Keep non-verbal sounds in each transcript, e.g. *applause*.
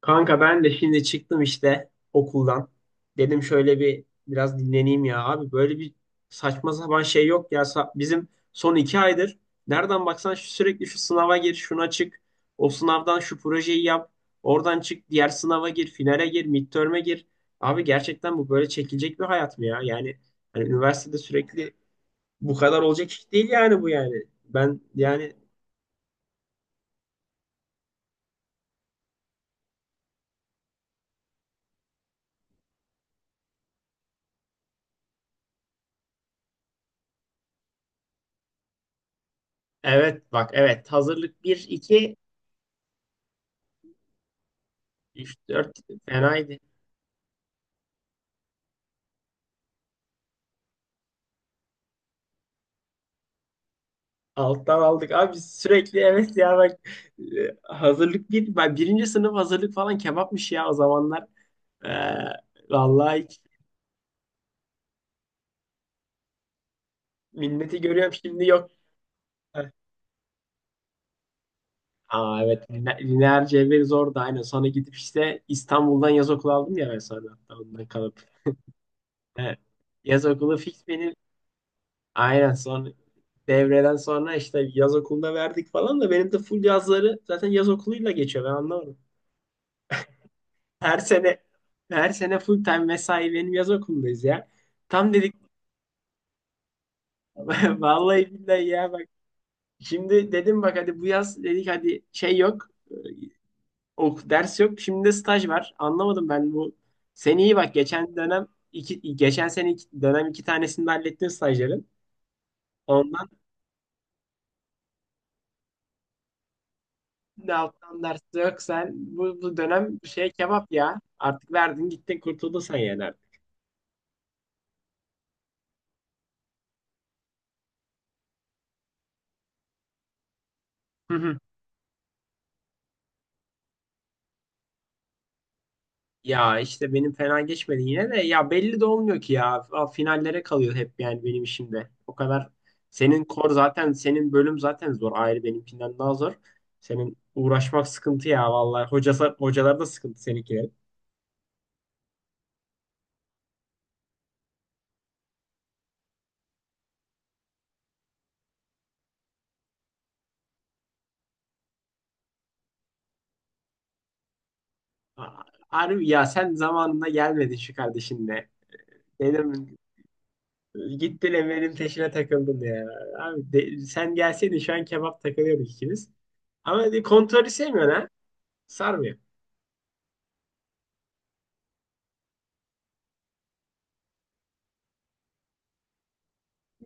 Kanka ben de şimdi çıktım işte okuldan. Dedim şöyle bir biraz dinleneyim ya abi. Böyle bir saçma sapan şey yok ya. Bizim son 2 aydır nereden baksan sürekli şu sınava gir, şuna çık. O sınavdan şu projeyi yap. Oradan çık, diğer sınava gir, finale gir, midterm'e gir. Abi gerçekten bu böyle çekilecek bir hayat mı ya? Yani hani üniversitede sürekli bu kadar olacak iş değil yani bu yani. Ben yani evet bak evet hazırlık 1, 2, 3, 4 fenaydı. Alttan aldık. Abi sürekli evet ya bak hazırlık bir, ben birinci sınıf hazırlık falan kebapmış ya o zamanlar. Ee, vallahi hiç minneti görüyorum şimdi yok. Heh. Aa evet lineer cebir zordu aynen. Sonra gidip işte İstanbul'dan yaz okulu aldım ya ben sonra hatta ondan kalıp. Evet. Yaz okulu fix benim. Aynen son devreden sonra işte yaz okulunda verdik falan da benim de full yazları zaten yaz okuluyla geçiyor ben anlamadım. Her sene her sene full time mesai benim yaz okulundayız ya. Tam dedik *laughs* vallahi billahi ya bak. Şimdi dedim bak hadi bu yaz dedik hadi şey yok. Ok, ders yok. Şimdi de staj var. Anlamadım ben bu. Sen iyi bak geçen dönem iki, geçen sene iki, dönem iki tanesini de hallettin stajların. Ondan da alttan ders yok sen. Bu dönem şey kebap ya. Artık verdin gittin kurtuldun sen yani artık. *laughs* Ya işte benim fena geçmedi yine de ya belli de olmuyor ki ya finallere kalıyor hep yani benim işimde. O kadar senin kor zaten senin bölüm zaten zor ayrı benimkinden daha zor. Senin uğraşmak sıkıntı ya vallahi hocası hocalar da sıkıntı seninkilerin. A- Harbi ya sen zamanında gelmedin şu kardeşinle. Benim gittin Emel'in peşine takıldın ya. Abi sen gelseydin şu an kebap takılıyorduk ikimiz. Ama kontrolü sevmiyorsun ha. Sarmıyor.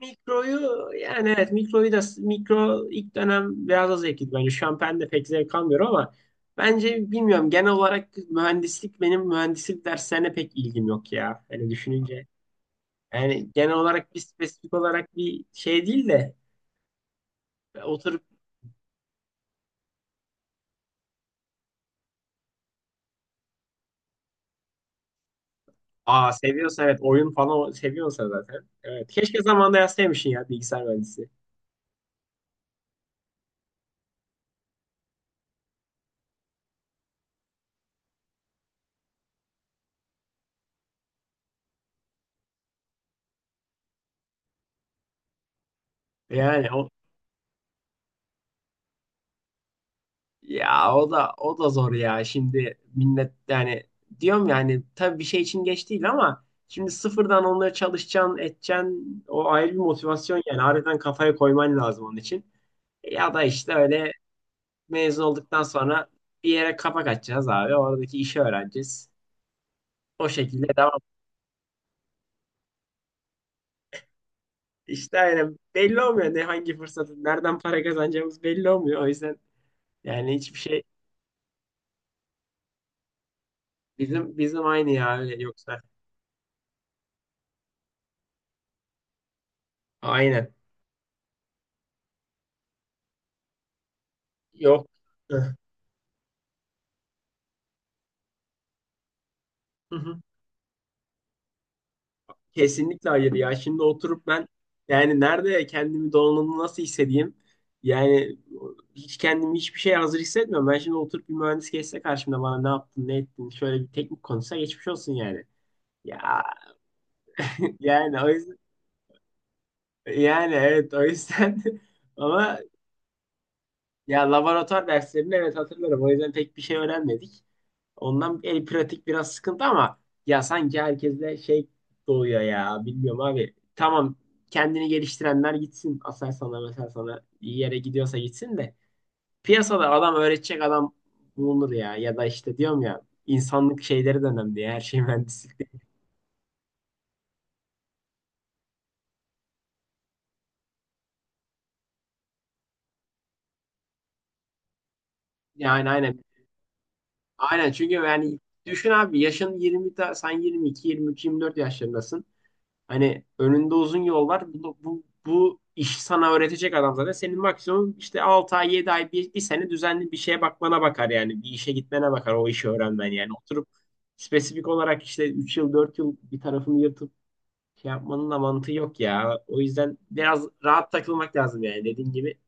Mikroyu yani evet mikroyu da mikro ilk dönem biraz az zevkliydi bence. Şampen de pek zevk almıyorum ama bence bilmiyorum genel olarak mühendislik benim mühendislik derslerine pek ilgim yok ya. Hani düşününce yani genel olarak bir spesifik olarak bir şey değil de oturup aa seviyorsa evet oyun falan seviyorsa zaten. Evet keşke zamanında yazsaymışsın ya bilgisayar mühendisi. Yani. Ya, o da zor ya. Şimdi millet yani diyorum yani tabii bir şey için geç değil ama şimdi sıfırdan onları çalışacaksın, edeceksin. O ayrı bir motivasyon yani. Harbiden kafaya koyman lazım onun için. Ya da işte öyle mezun olduktan sonra bir yere kapak açacağız abi. Oradaki işi öğreneceğiz. O şekilde devam. İşte yani belli olmuyor ne hangi fırsatı, nereden para kazanacağımız belli olmuyor. O yüzden yani hiçbir şey bizim aynı ya öyle yoksa. Aynen. Yok. *laughs* Kesinlikle hayır ya. Şimdi oturup ben yani nerede kendimi donanımlı nasıl hissedeyim? Yani hiç kendimi hiçbir şeye hazır hissetmiyorum. Ben şimdi oturup bir mühendis geçse karşımda bana ne yaptın, ne ettin, şöyle bir teknik konuşsa geçmiş olsun yani. Ya *laughs* yani o yüzden yani evet o yüzden *laughs* ama ya laboratuvar derslerini evet hatırlarım. O yüzden pek bir şey öğrenmedik. Ondan el pratik biraz sıkıntı ama ya sanki herkeste şey doğuyor ya. Bilmiyorum abi. Tamam kendini geliştirenler gitsin. Aselsan'a mesela sana iyi yere gidiyorsa gitsin de. Piyasada adam öğretecek adam bulunur ya. Ya da işte diyorum ya insanlık şeyleri de önemli ya. Her şey *laughs* mühendislik değil. Yani aynen. Aynen çünkü yani düşün abi yaşın 20 sen 22, 23, 24 yaşlarındasın. Hani önünde uzun yol var. Bu iş sana öğretecek adam zaten. Senin maksimum işte 6 ay, 7 ay, bir sene düzenli bir şeye bakmana bakar yani. Bir işe gitmene bakar o işi öğrenmen yani. Oturup spesifik olarak işte 3 yıl, 4 yıl bir tarafını yırtıp şey yapmanın da mantığı yok ya. O yüzden biraz rahat takılmak lazım yani. Dediğim gibi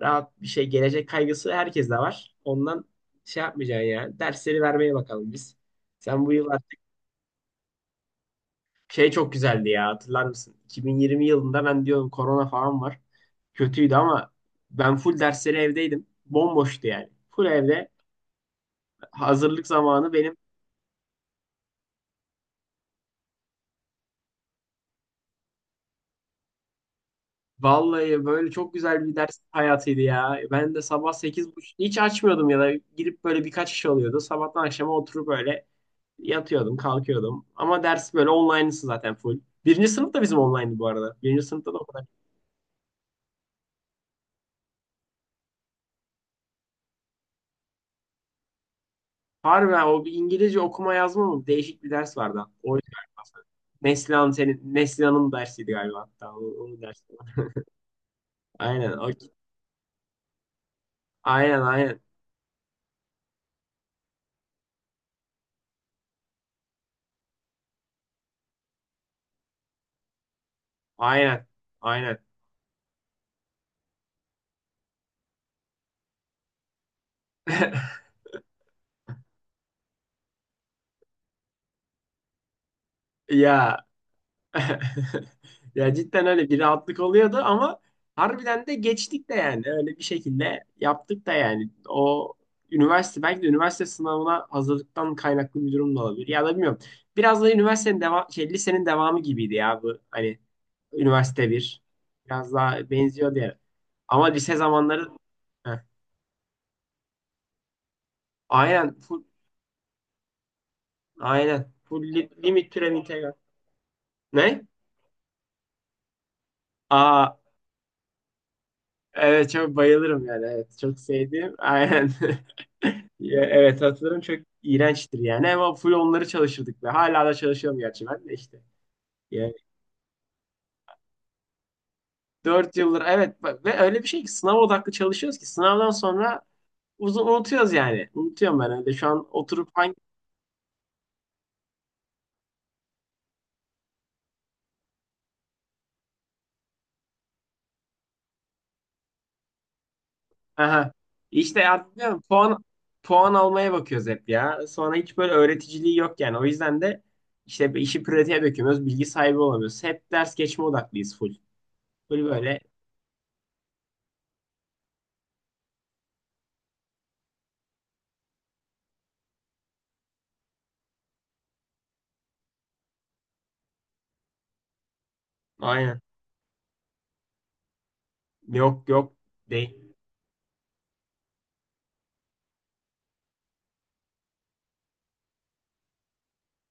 rahat bir şey, gelecek kaygısı herkeste var. Ondan şey yapmayacaksın ya. Dersleri vermeye bakalım biz. Sen bu yıl şey çok güzeldi ya hatırlar mısın? 2020 yılında ben diyorum korona falan var. Kötüydü ama ben full dersleri evdeydim. Bomboştu yani. Full evde hazırlık zamanı benim. Vallahi böyle çok güzel bir ders hayatıydı ya. Ben de sabah 8:30 hiç açmıyordum ya da girip böyle birkaç iş oluyordu. Sabahtan akşama oturup böyle yatıyordum, kalkıyordum. Ama ders böyle online'sı zaten full. Birinci sınıf da bizim online'dı bu arada. Birinci sınıfta da. Harbi ha, o bir İngilizce okuma yazma mı? Değişik bir ders vardı. O galiba. Neslihan senin Neslihan'ın dersiydi galiba hatta onun dersi. Aynen o, aynen aynen aynen aynen. *laughs* Ya *laughs* ya cidden öyle bir rahatlık oluyordu ama harbiden de geçtik de yani öyle bir şekilde yaptık da yani o üniversite belki de üniversite sınavına hazırlıktan kaynaklı bir durum da olabilir ya da bilmiyorum. Biraz da üniversitenin devam şey lisenin devamı gibiydi ya bu hani Üniversite bir. Biraz daha benziyor diye. Ama lise zamanları. Heh. Aynen full aynen full limit türev integral. Ne? Aa evet çok bayılırım yani evet çok sevdiğim aynen. *laughs* Ya, evet hatırlarım çok iğrençtir yani ama full onları çalışırdık ve hala da çalışıyorum gerçi ben de işte. Yani 4 yıldır evet ve öyle bir şey ki sınav odaklı çalışıyoruz ki sınavdan sonra uzun unutuyoruz yani. Unutuyorum ben öyle şu an oturup hangi. Aha. İşte artık diyorum, puan almaya bakıyoruz hep ya. Sonra hiç böyle öğreticiliği yok yani. O yüzden de işte işi pratiğe dökemiyoruz. Bilgi sahibi olamıyoruz. Hep ders geçme odaklıyız full. Full böyle. Aynen. Yok, yok değil.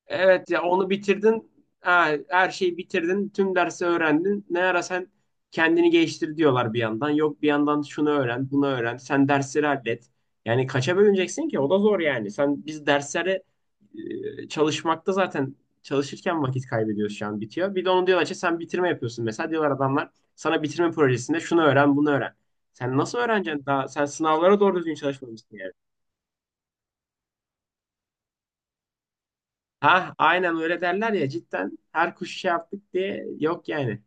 Evet ya onu bitirdin. Ha, her şeyi bitirdin. Tüm dersi öğrendin. Ne ara sen kendini geliştir diyorlar bir yandan. Yok bir yandan şunu öğren, bunu öğren. Sen dersleri hallet. Yani kaça bölüneceksin ki? O da zor yani. Biz derslere çalışmakta zaten çalışırken vakit kaybediyoruz şu an bitiyor. Bir de onu diyorlar ki sen bitirme yapıyorsun. Mesela diyorlar adamlar sana bitirme projesinde şunu öğren, bunu öğren. Sen nasıl öğreneceksin? Daha sen sınavlara doğru düzgün çalışmamışsın yani. Ha, aynen öyle derler ya cidden her kuş şey yaptık diye yok yani.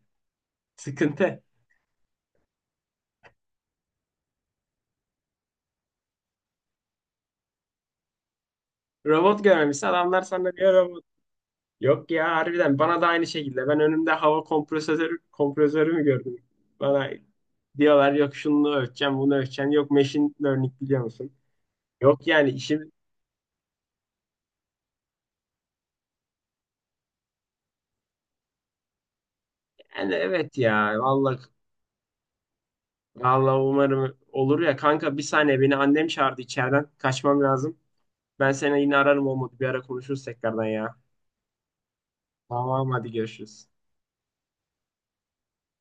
Sıkıntı. Robot görmemişse adamlar sana diyor robot. Yok ya harbiden bana da aynı şekilde. Ben önümde hava kompresörü mü gördüm? Bana diyorlar yok şunu ölçeceğim bunu ölçeceğim. Yok machine learning biliyor musun? Yok yani işim yani evet ya vallahi vallahi umarım olur ya kanka bir saniye beni annem çağırdı içeriden kaçmam lazım. Ben seni yine ararım olmadı bir ara konuşuruz tekrardan ya. Tamam hadi görüşürüz.